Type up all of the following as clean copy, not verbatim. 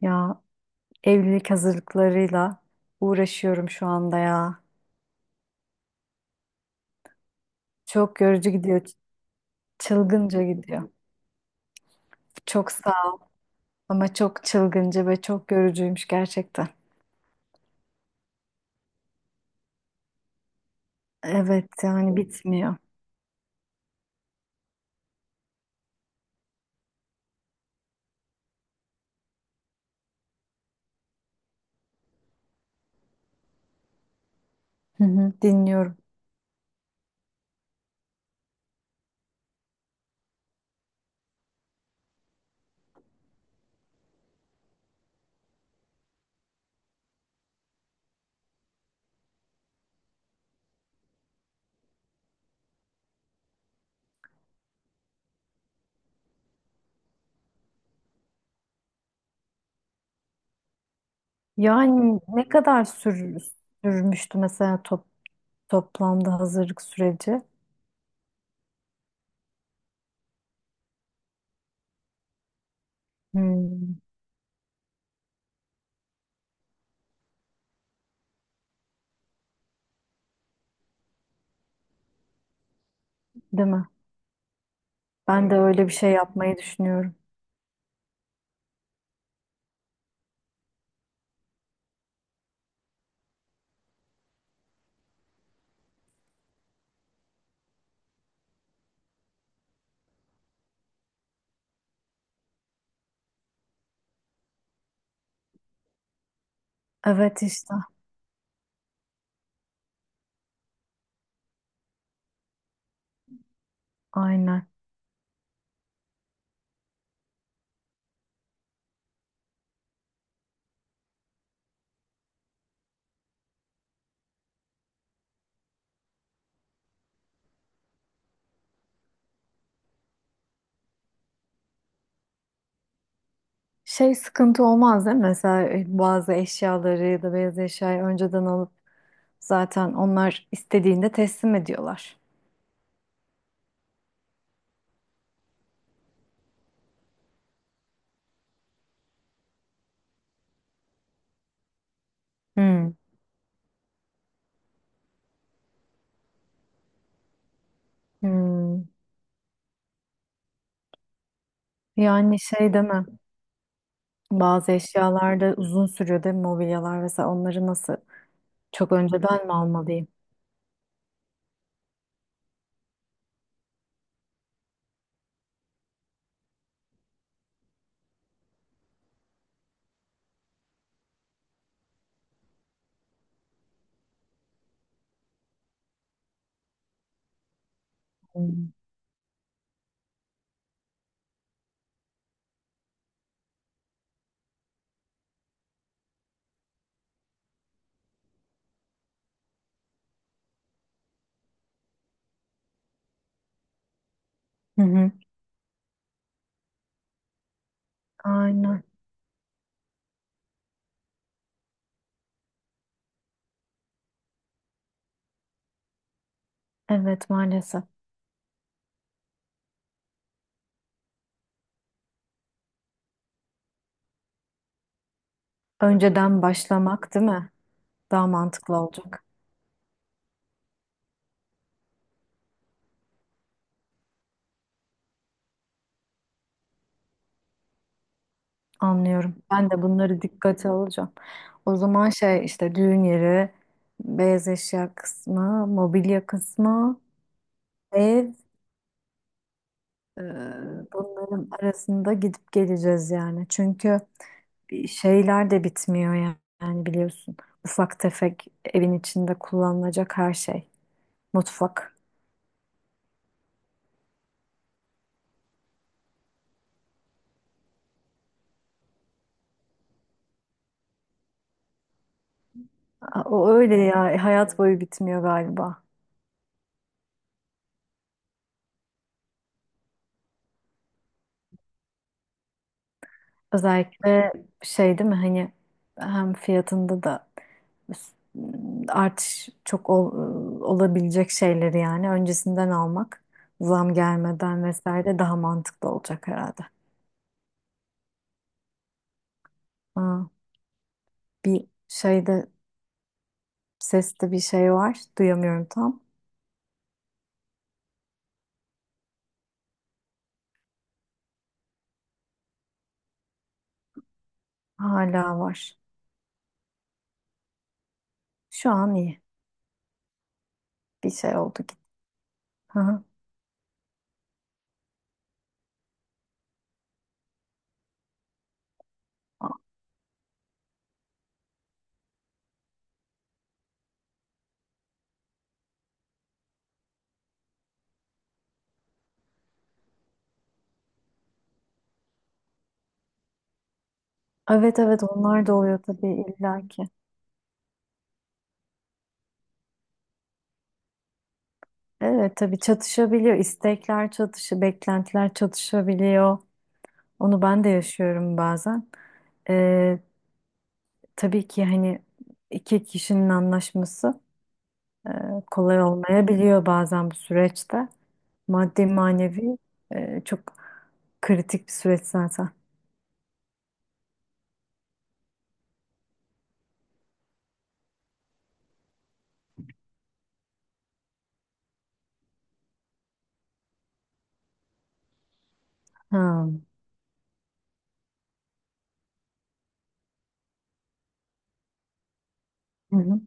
Ya evlilik hazırlıklarıyla uğraşıyorum şu anda ya. Çok yorucu gidiyor, çılgınca gidiyor. Çok sağ ol ama çok çılgınca ve çok yorucuymuş gerçekten. Evet yani bitmiyor. Hı hı, dinliyorum. Yani ne kadar sürmüştü mesela toplamda hazırlık süreci? Hmm, değil mi? Ben de öyle bir şey yapmayı düşünüyorum. Evet işte aynen. Şey sıkıntı olmaz değil mi? Mesela bazı eşyaları ya da beyaz eşyayı önceden alıp zaten onlar istediğinde teslim ediyorlar. Hmm. Hmm. Yani şey deme, bazı eşyalarda uzun sürüyor değil mi, mobilyalar mesela onları nasıl, çok önceden mi almalıyım? Hmm. Hı hı. Aynen. Evet maalesef. Önceden başlamak değil mi? Daha mantıklı olacak. Anlıyorum. Ben de bunları dikkate alacağım. O zaman şey işte düğün yeri, beyaz eşya kısmı, mobilya kısmı, ev, e, bunların arasında gidip geleceğiz yani. Çünkü bir şeyler de bitmiyor yani, yani biliyorsun. Ufak tefek evin içinde kullanılacak her şey. Mutfak. O öyle ya, hayat boyu bitmiyor galiba. Özellikle şey değil mi hani, hem fiyatında da artış çok olabilecek şeyleri yani öncesinden almak, zam gelmeden vesaire daha mantıklı olacak herhalde. Aa, bir şeyde, seste bir şey var, duyamıyorum tam, hala var. Şu an iyi, bir şey oldu gitti. Hı hı. Evet evet, onlar da oluyor tabii illaki. Evet tabii çatışabiliyor, istekler çatışıyor, beklentiler çatışabiliyor. Onu ben de yaşıyorum bazen. Ee, tabii ki hani iki kişinin anlaşması kolay olmayabiliyor bazen bu süreçte. Maddi manevi çok kritik bir süreç zaten. Ha. Hı hı.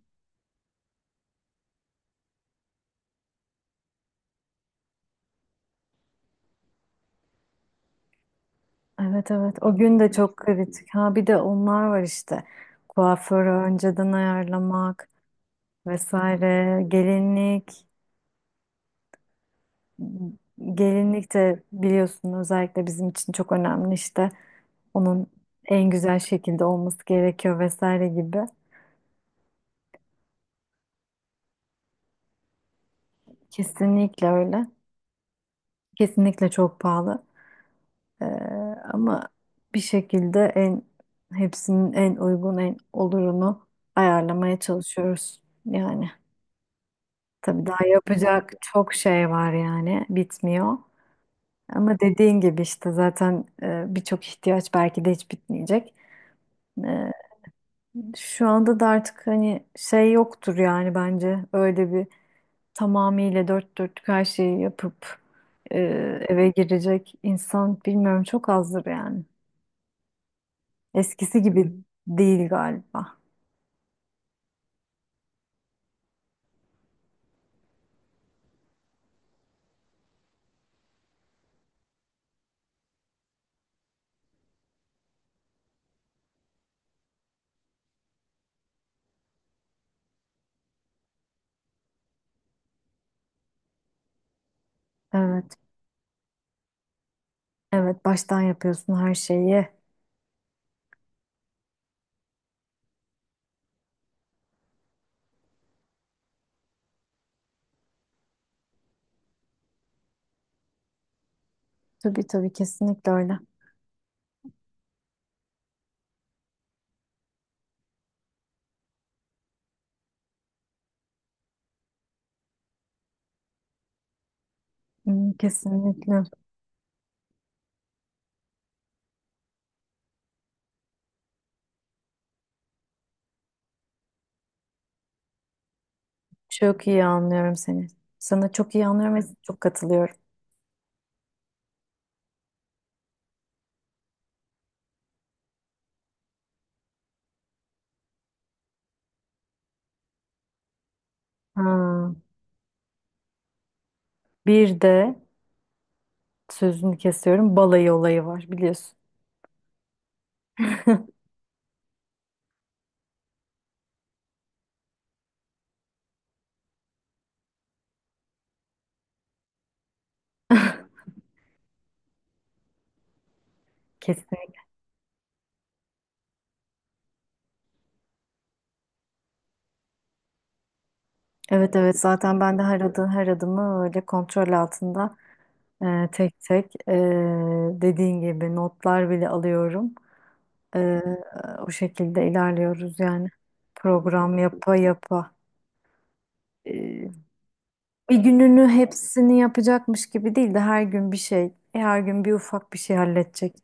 Evet evet, o gün de çok kritik. Ha bir de onlar var işte. Kuaförü önceden ayarlamak vesaire, gelinlik. Gelinlik de biliyorsun özellikle bizim için çok önemli işte, onun en güzel şekilde olması gerekiyor vesaire gibi. Kesinlikle öyle. Kesinlikle çok pahalı. Ee, ama bir şekilde en, hepsinin en uygun en olurunu ayarlamaya çalışıyoruz. Yani tabii daha yapacak çok şey var yani bitmiyor. Ama dediğin gibi işte zaten birçok ihtiyaç belki de hiç bitmeyecek. Ee, Şu anda da artık hani şey yoktur yani, bence öyle bir tamamıyla dört dörtlük her şeyi yapıp e, eve girecek insan bilmiyorum, çok azdır yani. Eskisi gibi değil galiba. Evet, evet baştan yapıyorsun her şeyi. Tabii tabii, kesinlikle öyle. Hmm, kesinlikle. Çok iyi anlıyorum seni. Sana çok iyi anlıyorum ve çok katılıyorum. Ha. Bir de sözünü kesiyorum, balayı olayı var biliyorsun. Kesinlikle. Evet evet, zaten ben de her adım, her adımı öyle kontrol altında, tek tek, dediğin gibi notlar bile alıyorum. E, o şekilde ilerliyoruz yani. Program yapa yapa. E, bir gününü hepsini yapacakmış gibi değil de her gün bir şey, her gün bir ufak bir şey halledecek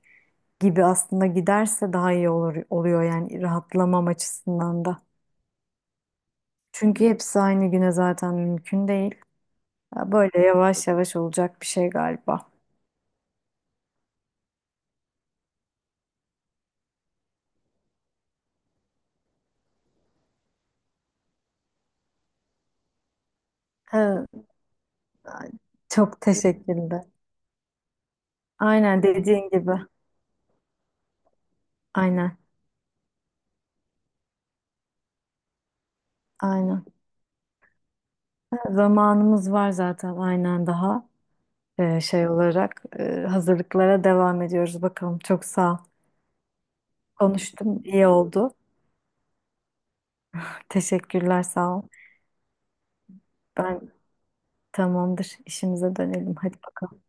gibi aslında giderse daha iyi olur oluyor yani, rahatlamam açısından da. Çünkü hepsi aynı güne zaten mümkün değil. Ya böyle yavaş yavaş olacak bir şey galiba. Evet, çok teşekkürler. Aynen dediğin gibi. Aynen. Aynen. Zamanımız var zaten aynen, daha şey olarak hazırlıklara devam ediyoruz bakalım. Çok sağ ol. Konuştum, iyi oldu. Teşekkürler, sağ ol. Ben tamamdır. İşimize dönelim. Hadi bakalım.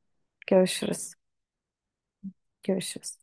Görüşürüz. Görüşürüz.